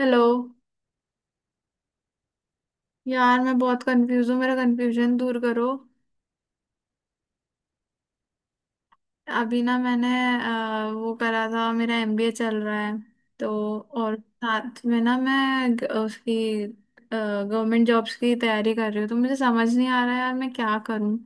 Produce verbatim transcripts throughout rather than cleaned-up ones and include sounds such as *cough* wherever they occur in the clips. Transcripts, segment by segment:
Hello. यार मैं बहुत कंफ्यूज हूँ, मेरा कंफ्यूजन दूर करो। अभी ना मैंने अ, वो करा था, मेरा एमबीए चल रहा है तो। और साथ में ना मैं ग- उसकी गवर्नमेंट जॉब्स की तैयारी कर रही हूँ, तो मुझे समझ नहीं आ रहा यार मैं क्या करूँ।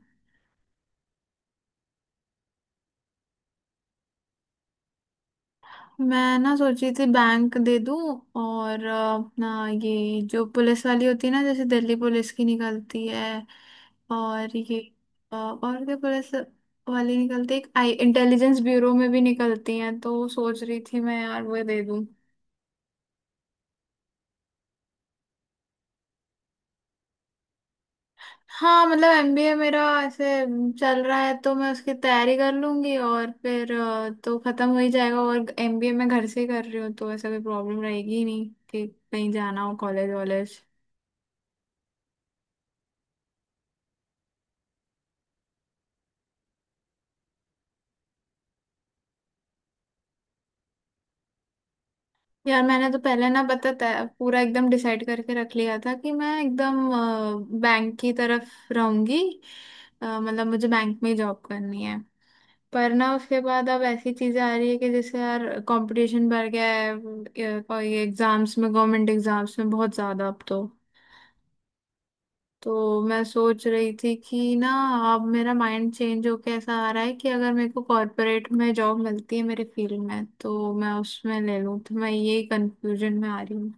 मैं ना सोची थी बैंक दे दूं, और अ, अपना ये जो पुलिस वाली होती है ना, जैसे दिल्ली पुलिस की निकलती है और ये अ, और क्या पुलिस वाली निकलती है, एक आई इंटेलिजेंस ब्यूरो में भी निकलती हैं, तो सोच रही थी मैं यार वो दे दूं। हाँ, मतलब एमबीए मेरा ऐसे चल रहा है तो मैं उसकी तैयारी कर लूंगी और फिर अ, तो खत्म हो ही जाएगा। और एमबीए मैं घर से ही कर रही हूँ, तो ऐसा कोई प्रॉब्लम रहेगी ही नहीं कि कहीं जाना हो कॉलेज वॉलेज। यार मैंने तो पहले ना पता था, पूरा एकदम डिसाइड करके रख लिया था कि मैं एकदम बैंक की तरफ रहूंगी। अ, मतलब मुझे बैंक में ही जॉब करनी है, पर ना उसके बाद अब ऐसी चीजें आ रही है कि जैसे यार कंपटीशन बढ़ गया है अ, और ये एग्जाम्स में, गवर्नमेंट एग्जाम्स में, बहुत ज्यादा अब तो। तो मैं सोच रही थी कि ना, अब मेरा माइंड चेंज होके ऐसा आ रहा है कि अगर मेरे को कॉर्पोरेट में जॉब मिलती है मेरे फील्ड में तो मैं उसमें ले लूँ, तो मैं यही कंफ्यूजन में आ रही हूँ।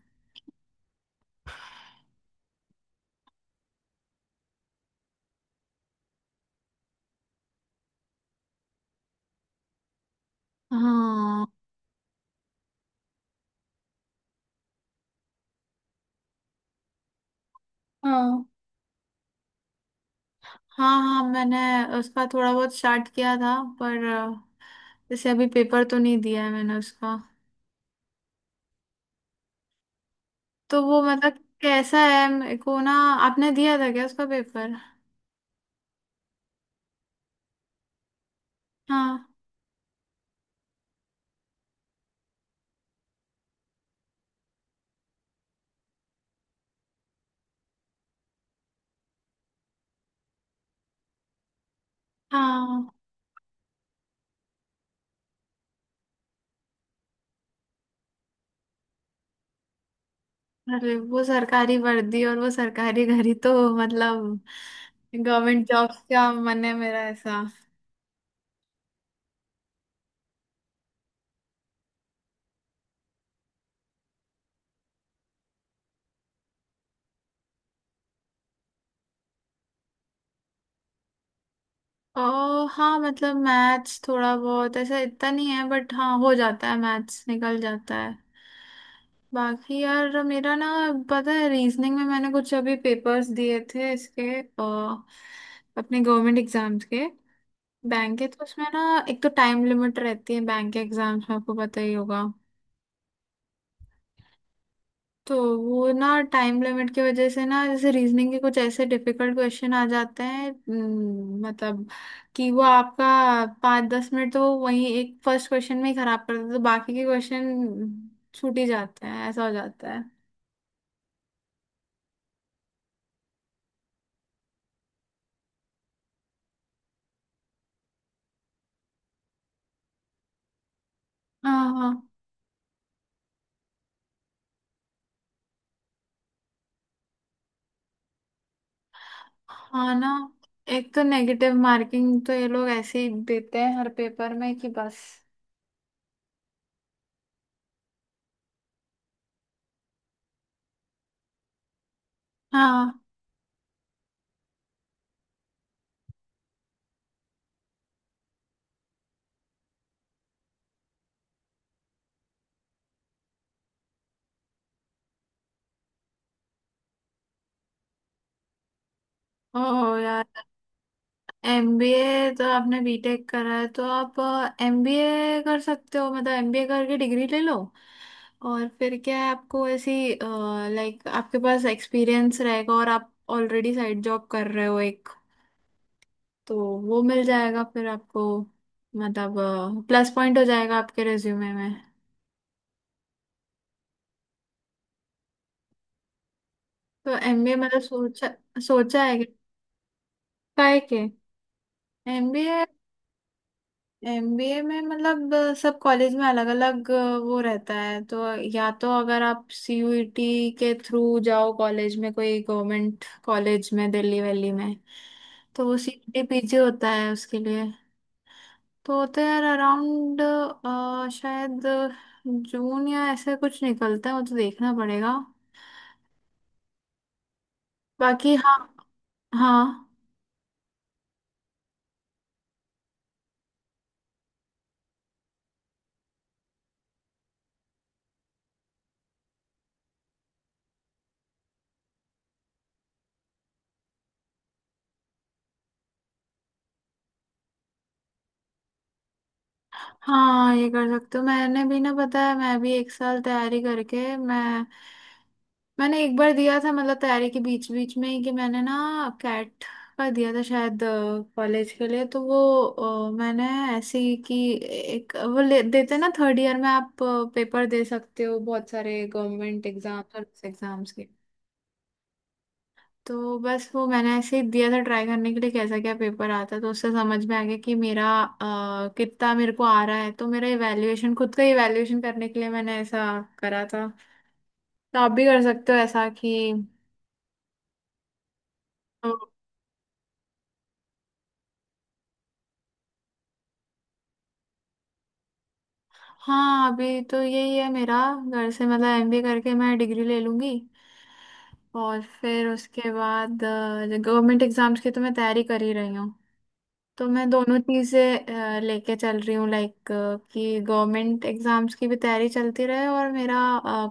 हाँ, हाँ, हाँ। हाँ, मैंने उसका थोड़ा बहुत स्टार्ट किया था, पर अ, जैसे अभी पेपर तो नहीं दिया है मैंने उसका, तो वो मतलब कैसा है मेरे को ना। आपने दिया था क्या उसका पेपर? हाँ। हाँ, अरे वो सरकारी वर्दी और वो सरकारी घड़ी, तो मतलब गवर्नमेंट जॉब्स का मन है मेरा ऐसा। ओ हाँ, मतलब मैथ्स थोड़ा बहुत, ऐसा इतना नहीं है, बट हाँ हो जाता है, मैथ्स निकल जाता है। बाकी यार मेरा ना, पता है, रीजनिंग में मैंने कुछ अभी पेपर्स दिए थे इसके अ, अपने गवर्नमेंट एग्जाम्स के, बैंक के, तो उसमें ना एक तो टाइम लिमिट रहती है बैंक के एग्जाम्स में, आपको पता ही होगा। तो वो ना टाइम लिमिट की वजह से ना, जैसे रीजनिंग के कुछ ऐसे डिफिकल्ट क्वेश्चन आ जाते हैं हम्म, मतलब कि वो आपका पाँच दस मिनट तो वो वही एक फर्स्ट क्वेश्चन में ही खराब कर देते हैं, तो बाकी के क्वेश्चन छूट ही जाते हैं, ऐसा हो जाता है। हाँ, हाँ ना, एक तो नेगेटिव मार्किंग तो ये लोग ऐसे ही देते हैं हर पेपर में कि बस। हाँ। ओ यार, एमबीए तो आपने बीटेक करा है तो आप एमबीए कर सकते हो, मतलब एमबीए करके डिग्री ले लो और फिर क्या है आपको ऐसी, लाइक आपके पास एक्सपीरियंस रहेगा, और आप ऑलरेडी साइड जॉब कर रहे हो एक, तो वो मिल जाएगा फिर आपको, मतलब प्लस पॉइंट हो जाएगा आपके रिज्यूमे में। तो एमबीए मतलब सोचा, सोचा है क्या? काहे के? एमबीए, एमबीए में मतलब अ, सब कॉलेज में अलग अलग वो रहता है। तो या तो अगर आप सीयूईटी के थ्रू जाओ कॉलेज में, कोई गवर्नमेंट कॉलेज में, दिल्ली वैली में, तो वो सीयूईटी पीजी होता है उसके लिए। तो होते हैं यार अराउंड शायद जून या ऐसे कुछ, निकलता है वो तो, देखना पड़ेगा बाकी। हाँ, हाँ, हाँ, ये कर सकते हो। मैंने भी ना, पता है, मैं भी एक साल तैयारी करके मैं मैंने एक बार दिया था, मतलब तैयारी के बीच बीच में ही कि मैंने ना कैट का दिया था शायद कॉलेज के लिए। तो वो अ, मैंने ऐसे ही कि एक वो ले, देते ना थर्ड ईयर में, आप पेपर दे सकते हो बहुत सारे गवर्नमेंट एग्जाम, सर्विस एग्जाम्स के। तो बस वो मैंने ऐसे ही दिया था ट्राई करने के लिए कैसा क्या पेपर आता है। तो उससे समझ में आ गया कि मेरा अ, कितना मेरे को आ रहा है, तो मेरा इवैल्यूएशन, खुद का इवैल्यूएशन करने के लिए मैंने ऐसा करा था। तो आप भी कर सकते हो ऐसा कि। हाँ, अभी तो यही है मेरा, घर से, मतलब एमबीए करके मैं डिग्री ले लूंगी और फिर उसके बाद गवर्नमेंट एग्जाम्स की तो मैं तैयारी कर ही रही हूँ। तो मैं दोनों चीज़ें अ, लेके चल रही हूँ, लाइक कि गवर्नमेंट एग्जाम्स की भी तैयारी चलती रहे और मेरा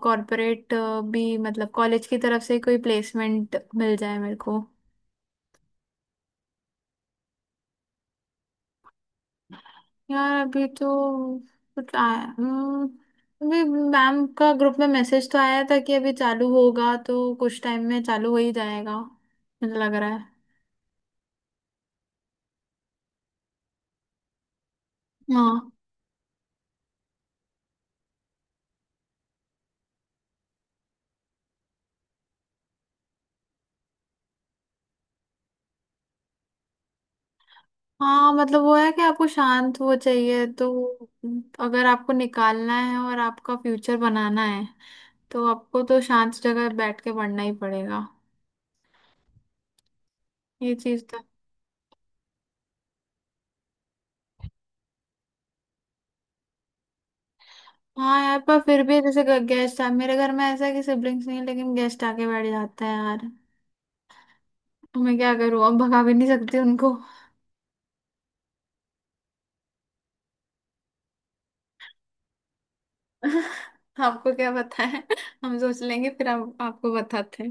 कॉर्पोरेट भी, मतलब कॉलेज की तरफ से कोई प्लेसमेंट मिल जाए मेरे को। यार अभी तो कुछ आया हम्म, अभी मैम का ग्रुप में मैसेज तो आया था कि अभी चालू होगा, तो कुछ टाइम में चालू हो ही जाएगा मुझे लग रहा है। हाँ, हाँ, मतलब वो है कि आपको शांत वो चाहिए, तो अगर आपको निकालना है और आपका फ्यूचर बनाना है तो आपको तो शांत जगह बैठ के पढ़ना ही पड़ेगा, ये चीज तो। हाँ यार, पर फिर भी जैसे गेस्ट आ, मेरे घर में ऐसा है कि सिबलिंग्स नहीं है, लेकिन गेस्ट आके बैठ जाते हैं यार, तो मैं क्या करूँ, अब भगा भी नहीं सकती उनको। *laughs* आपको क्या पता है? हम सोच लेंगे फिर हम आपको बताते हैं।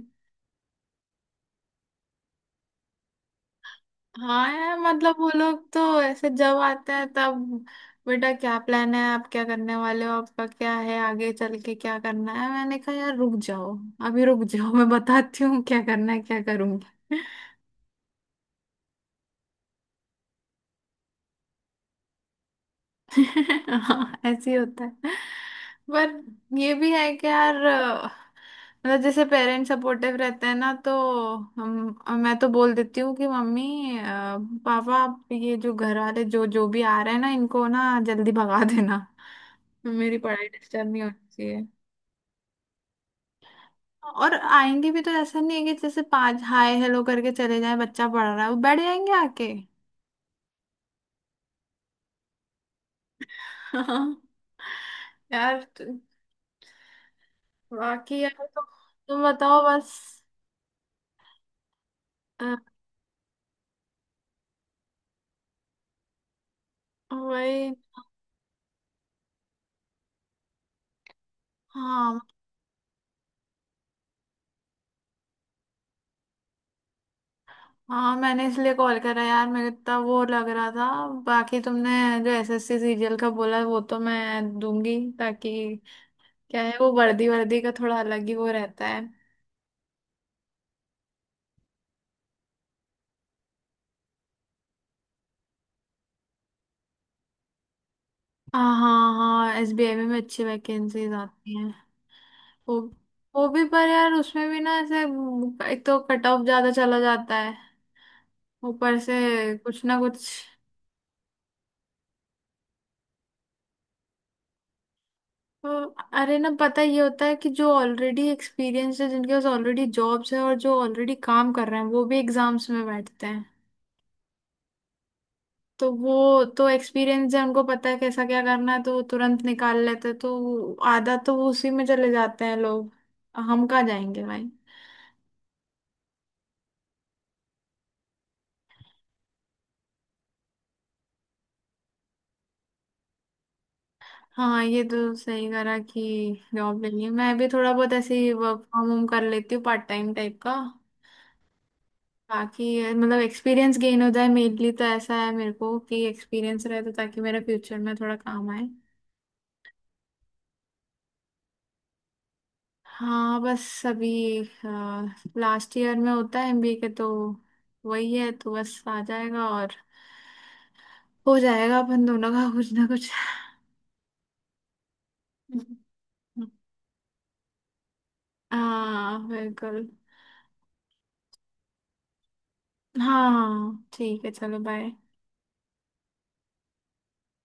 हाँ यार, मतलब वो लोग तो ऐसे जब आते हैं तब, बेटा क्या प्लान है, आप क्या करने वाले हो, आपका क्या है आगे चल के क्या करना है। मैंने कहा यार रुक जाओ, अभी रुक जाओ, मैं बताती हूँ क्या करना है, क्या करूंगी। *laughs* हाँ, ऐसे ही होता है। पर ये भी है कि यार अ, मतलब जैसे पेरेंट्स सपोर्टिव रहते हैं ना, तो हम मैं तो बोल देती हूँ कि मम्मी अ, पापा, आप ये जो घर वाले जो जो भी आ रहे हैं ना, इनको ना जल्दी भगा देना, मेरी पढ़ाई डिस्टर्ब नहीं होनी चाहिए। और आएंगे भी तो ऐसा नहीं है कि जैसे पाँच हाय हेलो करके चले जाए, बच्चा पढ़ रहा है, वो बैठ जाएंगे आके। *laughs* हाँ यार। तो- बाकी यार तो तुम बताओ बस। अ, वही। हाँ, हाँ, मैंने इसलिए कॉल करा यार, मेरे इतना वो लग रहा था। बाकी तुमने जो एसएससी सीरियल का बोला वो तो मैं दूंगी, ताकि क्या है वो वर्दी, वर्दी का थोड़ा अलग ही वो रहता है। हाँ, हाँ, हाँ, एसबीआई में भी अच्छी वैकेंसीज आती हैं वो। वो भी पर यार उसमें भी ना ऐसे, एक तो कट ऑफ ज्यादा चला जाता है, ऊपर से कुछ ना कुछ। हाँ, अरे ना, पता ये होता है कि जो ऑलरेडी एक्सपीरियंस है, जिनके पास ऑलरेडी जॉब्स है, और जो ऑलरेडी काम कर रहे हैं, वो भी एग्जाम्स में बैठते हैं। तो वो तो एक्सपीरियंस है, उनको पता है कैसा क्या करना है, तो वो तुरंत निकाल लेते हैं, तो आधा तो वो उसी में चले जाते हैं लोग। हम कहाँ जाएंगे भाई। हाँ, ये तो सही करा कि जॉब ले ली। मैं भी थोड़ा बहुत ऐसे ही वर्क फ्रॉम होम कर लेती हूँ पार्ट टाइम टाइप का, ताकि ये मतलब एक्सपीरियंस गेन हो जाए, मेनली तो ऐसा है मेरे को कि एक्सपीरियंस रहे, तो ताकि मेरा फ्यूचर में थोड़ा काम आए। हाँ, बस अभी लास्ट ईयर में होता है एमबीए के, तो वही है, तो बस आ जाएगा और हो जाएगा अपन दोनों का कुछ ना कुछ। *laughs* हाँ, बिल्कुल। हाँ ठीक है, चलो बाय।